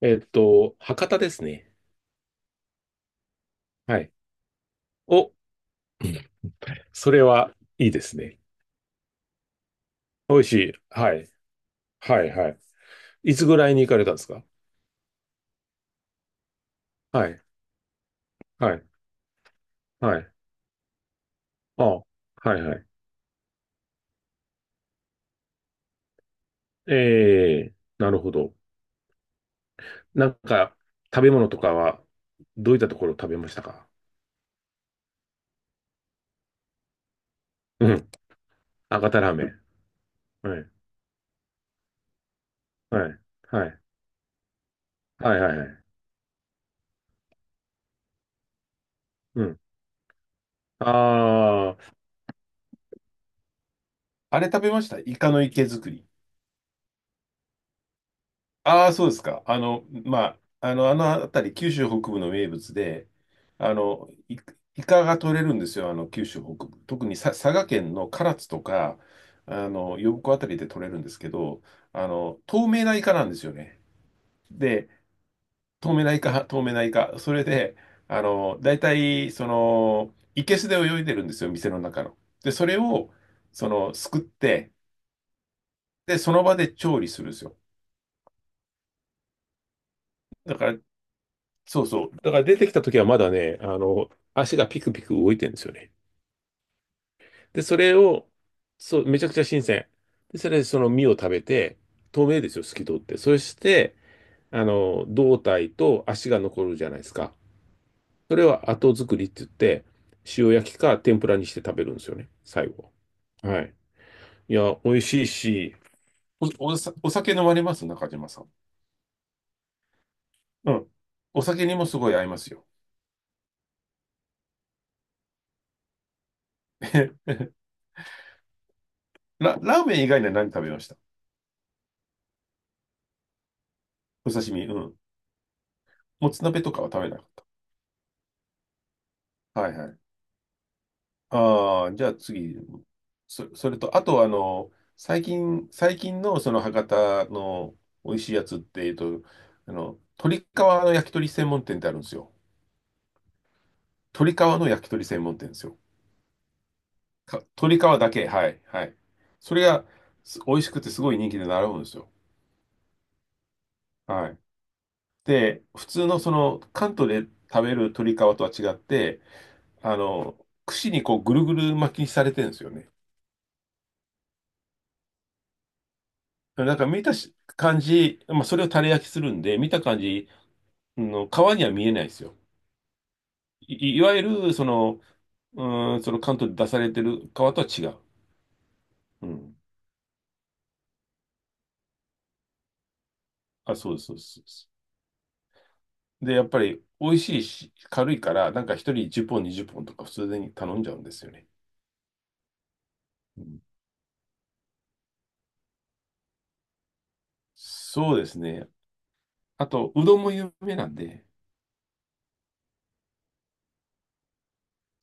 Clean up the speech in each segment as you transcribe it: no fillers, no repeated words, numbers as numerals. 博多ですね。はい。お、それはいいですね。美味しい。はい。はい、はい。いつぐらいに行かれたんですか？はい、はい、はい。あ、はい、はい。ええ。なるほど。なんか、食べ物とかは、どういったところを食べましたか？うん。博多ラーメン。はい、はい、はい、はい、はい。はい。うん。ああ、あれ食べました？イカの池作り。ああ、そうですか。まあ、あの辺り、九州北部の名物で、イカが取れるんですよ、あの、九州北部。特に佐賀県の唐津とか、あの、呼子あたりで取れるんですけど、あの、透明なイカなんですよね。で、透明なイカ、透明なイカ。それで、あの、大体、その、生けすで泳いでるんですよ、店の中の。で、それをすくって、で、その場で調理するんですよ。だから、そうそう。だから出てきた時はまだね、あの、足がピクピク動いてるんですよね。で、それを、そう、めちゃくちゃ新鮮。で、それでその身を食べて、透明ですよ、透き通って。そして、あの、胴体と足が残るじゃないですか。それは後作りって言って、塩焼きか天ぷらにして食べるんですよね、最後。はい。いや、美味しいし、お酒飲まれます？中島さん。うん。お酒にもすごい合いますよ。ラーメン以外には何食べました？お刺身。うん。もつ鍋とかは食べなかった。はいはい。ああ、じゃあ次。それと、あとあの、最近のその博多の美味しいやつって、えっと、あの、鶏皮の焼き鳥専門店ってあるんですよ。鶏皮の焼き鳥専門店ですよ。鶏皮だけ、はい、はい。それが美味しくてすごい人気で並ぶんですよ。はい。で、普通のその関東で食べる鶏皮とは違って、あの、串にこうぐるぐる巻きにされてるんですよね。なんか見たし感じ、まあ、それをタレ焼きするんで、見た感じ、の皮には見えないですよ。いわゆる、その、うん、その関東で出されてる皮とは違う。うん。あ、そうです、そうです。そうです。で、やっぱり美味しいし、軽いから、なんか一人10本、20本とか普通に頼んじゃうんですよね。うん、そうですね。あと、うどんも有名なんで、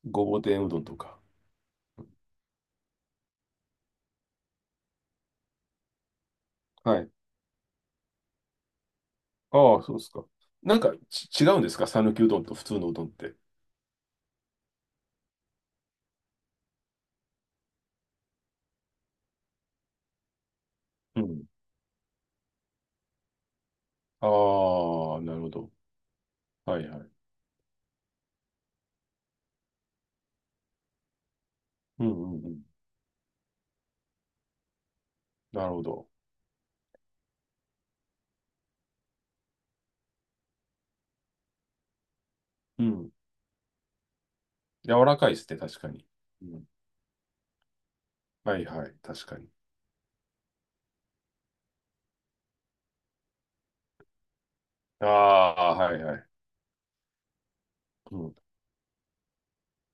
ごぼう天うどんとか。はい。ああ、そうですか。なんか違うんですか？讃岐うどんと普通のうどんって。うん。ああ、なるほど。はいはい。うんうんうん。なるほど。うん。柔らかいですね、確かに。うん。はいはい、確かに。ああ、はいはい。うん。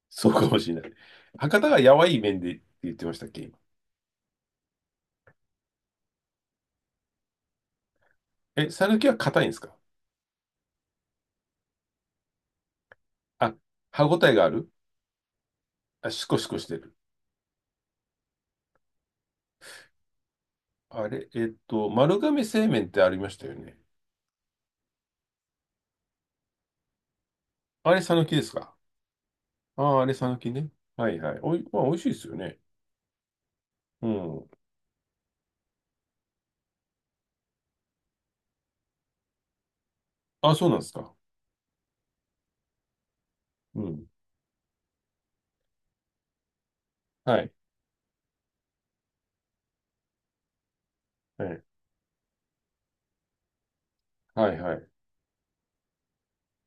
そうかもしれない。博多がやわい麺でって言ってましたっけ、今。え、讃岐は硬いんですか？あ、歯ごたえがある。あ、シコシコしてる。あれ、えっと、丸亀製麺ってありましたよね。あれ、讃岐ですか？ああー、あれ、讃岐ね。はいはい。おい、まあ、美味しいですよね。うん。あ、そうなんですか。うん。はい。はい、はい、はい。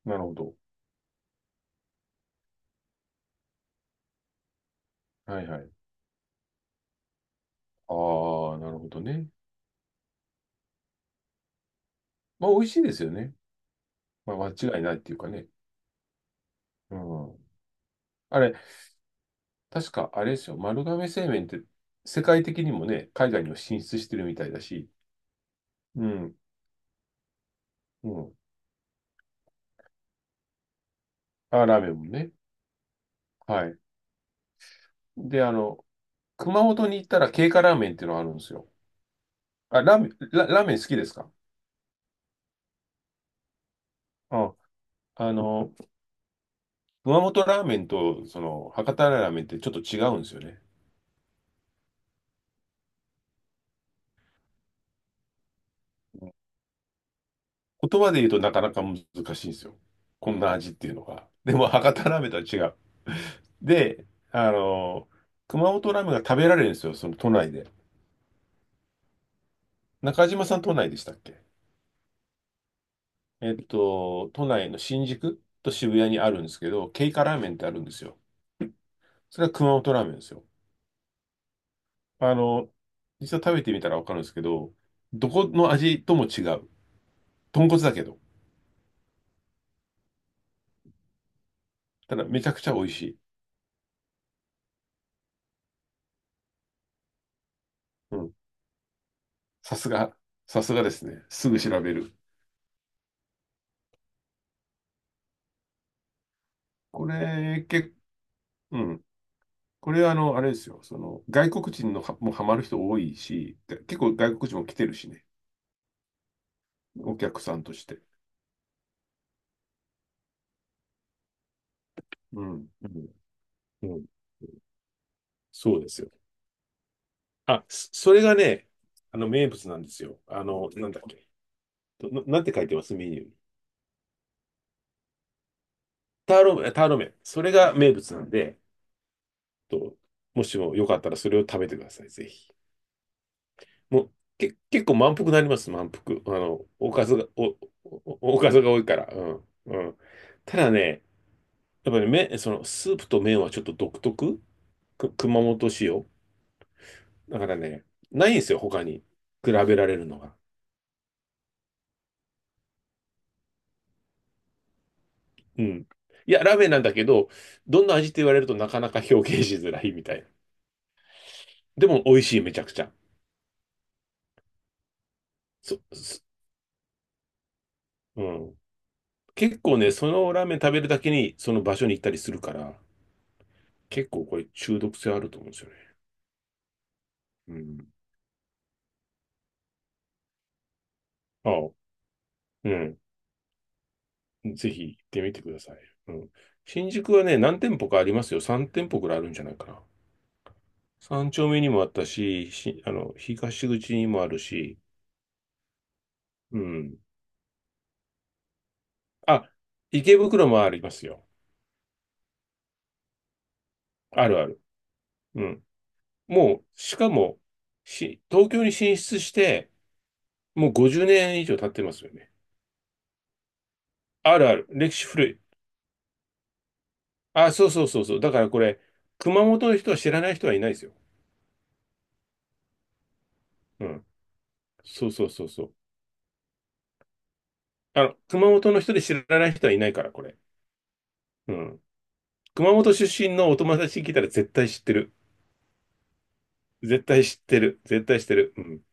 なるほど。はいはい。ああ、なるほどね。まあ、美味しいですよね。まあ、間違いないっていうかね。うん。あれ、確かあれですよ。丸亀製麺って世界的にもね、海外にも進出してるみたいだし。うん。うん。あ、ラーメンもね。はい。で、あの、熊本に行ったら経過ラーメンっていうのがあるんですよ。あ、ラーメン好きですか？あ、あの、熊本ラーメンと、その、博多ラーメンってちょっと違うんですよね。言葉で言うとなかなか難しいんですよ。こんな味っていうのが。でも、博多ラーメンとは違う。で、あの、熊本ラーメンが食べられるんですよ、その都内で。中島さん都内でしたっけ？えっと、都内の新宿と渋谷にあるんですけど、ケイカラーメンってあるんですよ。それは熊本ラーメンですよ。あの、実は食べてみたらわかるんですけど、どこの味とも違う。豚骨だけど。ただめちゃくちゃ美味しい。うん。さすが、さすがですね。すぐ調べる。これ、け、うん。これはあの、あれですよ。その、外国人のはもうハマる人多いし、結構外国人も来てるしね。お客さんとして。うん。うん。うん。そうですよ。あ、それがね、あの名物なんですよ。あの、なんだっけ。なんて書いてますメニューに？ターロ、ターロ麺。それが名物なんで、と、もしもよかったらそれを食べてください。ぜひ。もう、結構満腹になります。満腹。おおかずが多いから。うん。うん。ただね、やっぱり麺、その、スープと麺はちょっと独特熊本仕様だからね、ないんですよ、他に。比べられるのが。うん。いや、ラーメンなんだけど、どんな味って言われるとなかなか表現しづらいみたいな。でも美味しい、めちゃくちゃ。そ、そうん。結構ね、そのラーメン食べるだけにその場所に行ったりするから、結構これ中毒性あると思うんですよね。うん。ああ、うん。ぜひ行ってみてください。うん。新宿はね、何店舗かありますよ。3店舗くらいあるんじゃないかな。三丁目にもあったし、あの、東口にもあるし、うん。あ、池袋もありますよ。あるある。うん。もう、しかも、東京に進出して、もう50年以上経ってますよね。あるある。歴史古い。あ、そうそうそうそう。だからこれ、熊本の人は知らない人はいないですよ。うん。そうそうそうそう。あの、熊本の人で知らない人はいないから、これ。うん。熊本出身のお友達に聞いたら絶対知ってる。絶対知ってる。絶対知ってる。うん。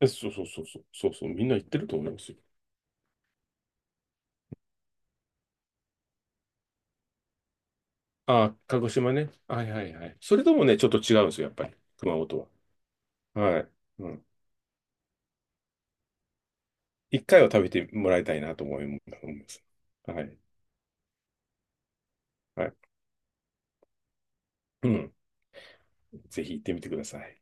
えそうそうそうそう。そうそう。みんな言ってると思いますよ。あ、鹿児島ね。はいはいはい。それともね、ちょっと違うんですよ、やっぱり。熊本は。はい。うん。一回は食べてもらいたいなと思います。はい。はい。うん。ぜひ行ってみてください。